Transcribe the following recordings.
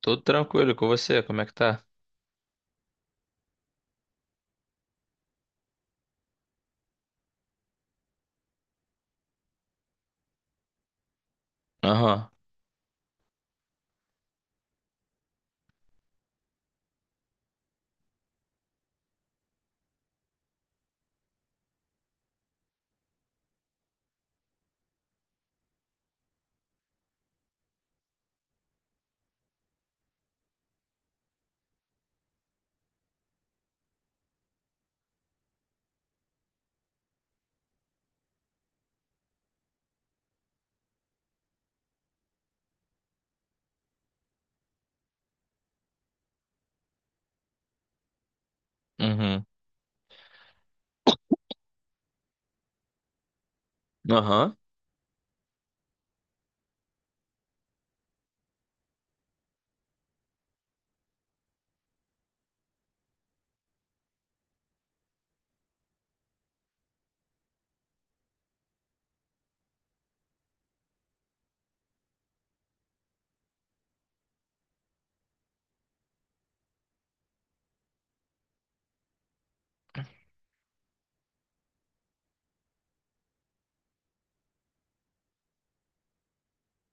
Tudo tranquilo com você? Como é que tá? Aham. Uhum. Aham.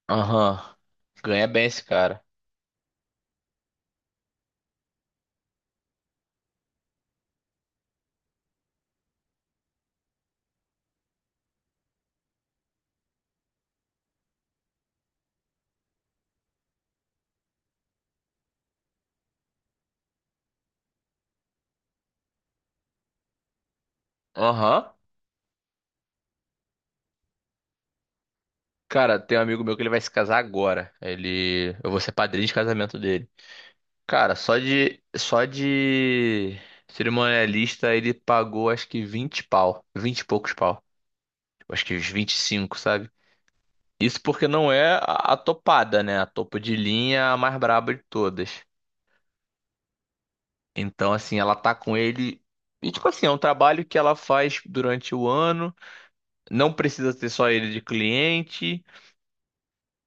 Aham. Ganha bem esse cara. Aham. Cara, tem um amigo meu que ele vai se casar agora. Ele, eu vou ser padrinho de casamento dele. Cara, só de cerimonialista ele pagou acho que 20 pau, 20 e poucos pau. Acho que uns 25, sabe? Isso porque não é a topada, né? A topo de linha a mais braba de todas. Então, assim, ela tá com ele. E, tipo assim, é um trabalho que ela faz durante o ano, não precisa ter só ele de cliente,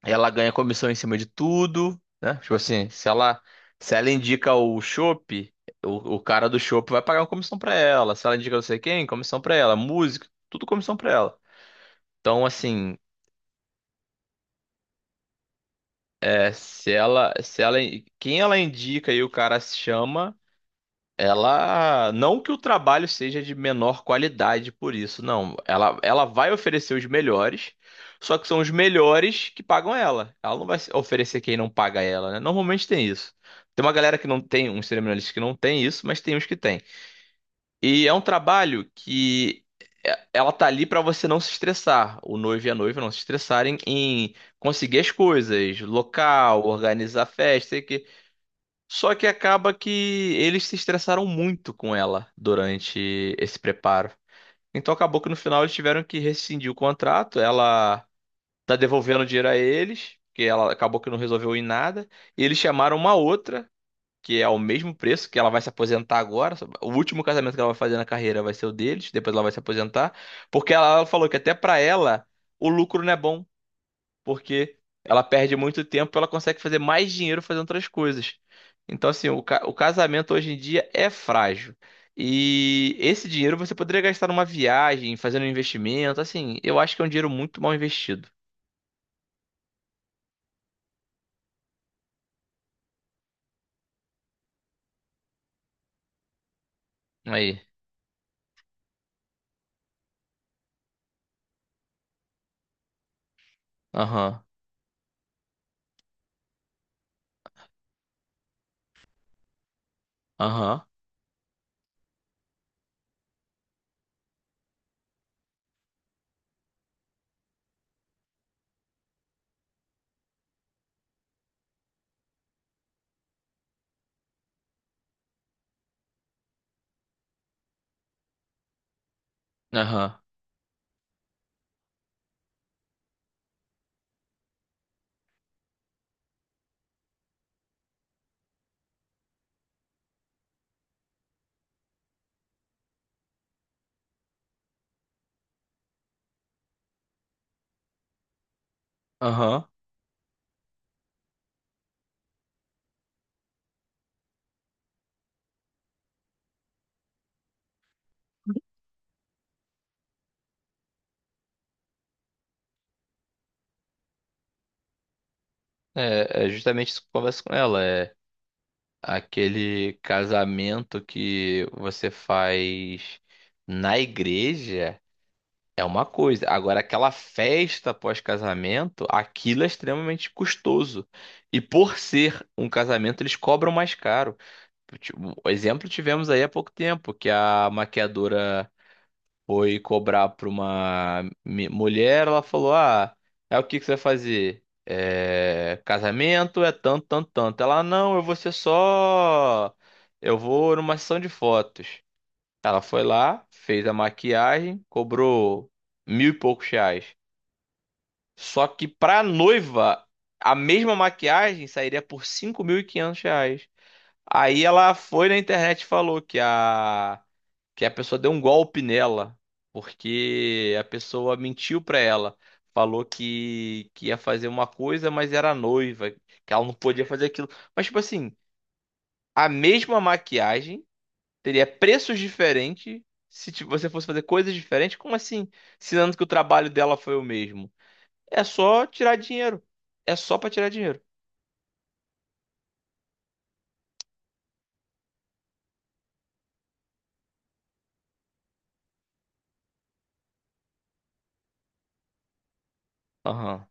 ela ganha comissão em cima de tudo, né? Tipo assim, se ela indica o chopp, o cara do chopp vai pagar uma comissão pra ela. Se ela indica não sei quem, comissão pra ela. Música, tudo comissão pra ela. Então, assim, é, se ela, se ela, quem ela indica e o cara se chama. Ela, não que o trabalho seja de menor qualidade por isso, não. Ela vai oferecer os melhores, só que são os melhores que pagam ela. Ela não vai se- oferecer quem não paga ela, né? Normalmente tem isso. Tem uma galera que não tem, uns cerimonialistas que não tem isso, mas tem uns que tem. E é um trabalho que ela tá ali pra você não se estressar, o noivo e a noiva não se estressarem em conseguir as coisas, local, organizar festa, só que acaba que eles se estressaram muito com ela durante esse preparo. Então acabou que no final eles tiveram que rescindir o contrato. Ela tá devolvendo dinheiro a eles, porque ela acabou que não resolveu em nada. E eles chamaram uma outra, que é ao mesmo preço, que ela vai se aposentar agora. O último casamento que ela vai fazer na carreira vai ser o deles, depois ela vai se aposentar, porque ela falou que até pra ela o lucro não é bom porque ela perde muito tempo, ela consegue fazer mais dinheiro fazendo outras coisas. Então, assim, o, ca- o casamento hoje em dia é frágil. E esse dinheiro você poderia gastar numa viagem, fazendo um investimento, assim, eu acho que é um dinheiro muito mal investido. Aí. Aham, aham, aham, aham. É justamente isso que eu converso com ela. É aquele casamento que você faz na igreja. É uma coisa. Agora, aquela festa pós-casamento, aquilo é extremamente custoso. E por ser um casamento, eles cobram mais caro. Tipo, o exemplo tivemos aí há pouco tempo, que a maquiadora foi cobrar para uma mulher. Ela falou: "Ah, é o que que você vai fazer?" "É, casamento é tanto, tanto, tanto." Ela: "Não, eu vou ser só. Eu vou numa sessão de fotos." Ela foi lá, fez a maquiagem, cobrou mil e poucos reais. Só que pra noiva, a mesma maquiagem sairia por 5.500 reais. Aí ela foi na internet e falou que a pessoa deu um golpe nela, porque a pessoa mentiu pra ela. Falou que ia fazer uma coisa, mas era noiva, que ela não podia fazer aquilo. Mas, tipo assim, a mesma maquiagem teria preços diferentes se você fosse fazer coisas diferentes. Como assim? Sinando que o trabalho dela foi o mesmo. É só tirar dinheiro. É só pra tirar dinheiro. Aham,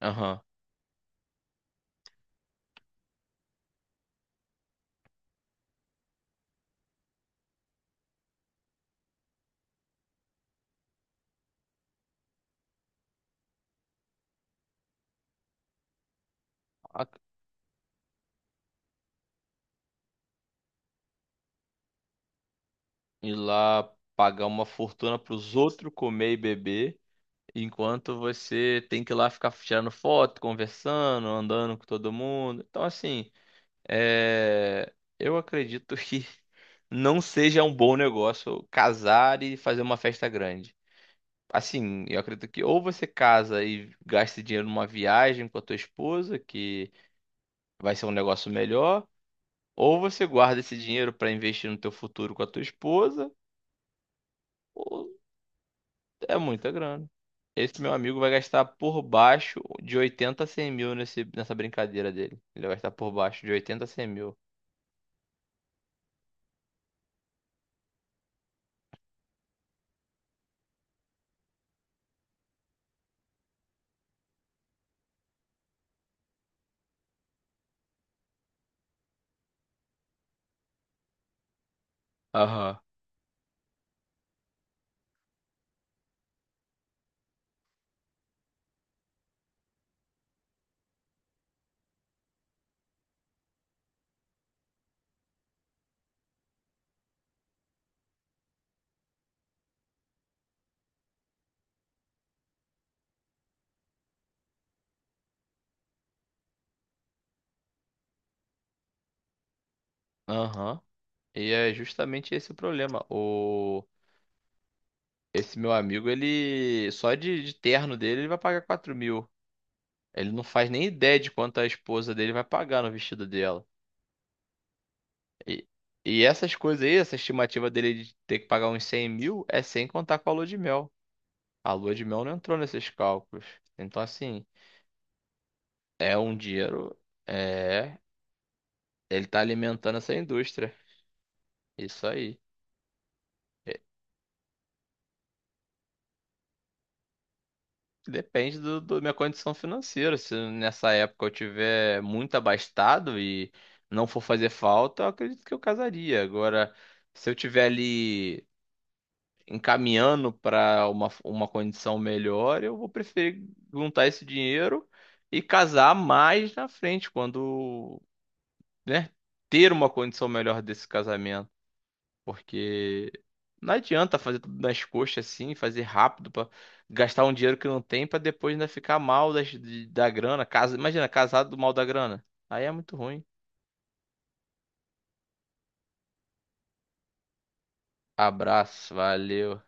aham. A- Ir lá pagar uma fortuna pros outros comer e beber, enquanto você tem que ir lá ficar tirando foto, conversando, andando com todo mundo. Então, assim, é... eu acredito que não seja um bom negócio casar e fazer uma festa grande. Assim, eu acredito que ou você casa e gasta dinheiro numa viagem com a tua esposa, que vai ser um negócio melhor, ou você guarda esse dinheiro para investir no teu futuro com a tua esposa, ou é muita grana. Esse meu amigo vai gastar por baixo de 80.000 a 100.000 nessa brincadeira dele. Ele vai gastar por baixo de 80.000 a 100.000. Aham. Aham. E é justamente esse o problema. Esse meu amigo, ele... Só de terno dele, ele vai pagar 4.000. Ele não faz nem ideia de quanto a esposa dele vai pagar no vestido dela. E, e essas coisas aí, essa estimativa dele de ter que pagar uns 100.000 é sem contar com a lua de mel. A lua de mel não entrou nesses cálculos. Então, assim, é um dinheiro. É. Ele tá alimentando essa indústria. Isso aí. Depende do, do minha condição financeira. Se nessa época eu tiver muito abastado e não for fazer falta, eu acredito que eu casaria. Agora, se eu tiver ali encaminhando para uma condição melhor, eu vou preferir juntar esse dinheiro e casar mais na frente, quando, né, ter uma condição melhor desse casamento. Porque não adianta fazer tudo nas coxas assim, fazer rápido para gastar um dinheiro que não tem para depois ainda ficar mal da grana. Casa, imagina, casado do mal da grana. Aí é muito ruim. Abraço, valeu.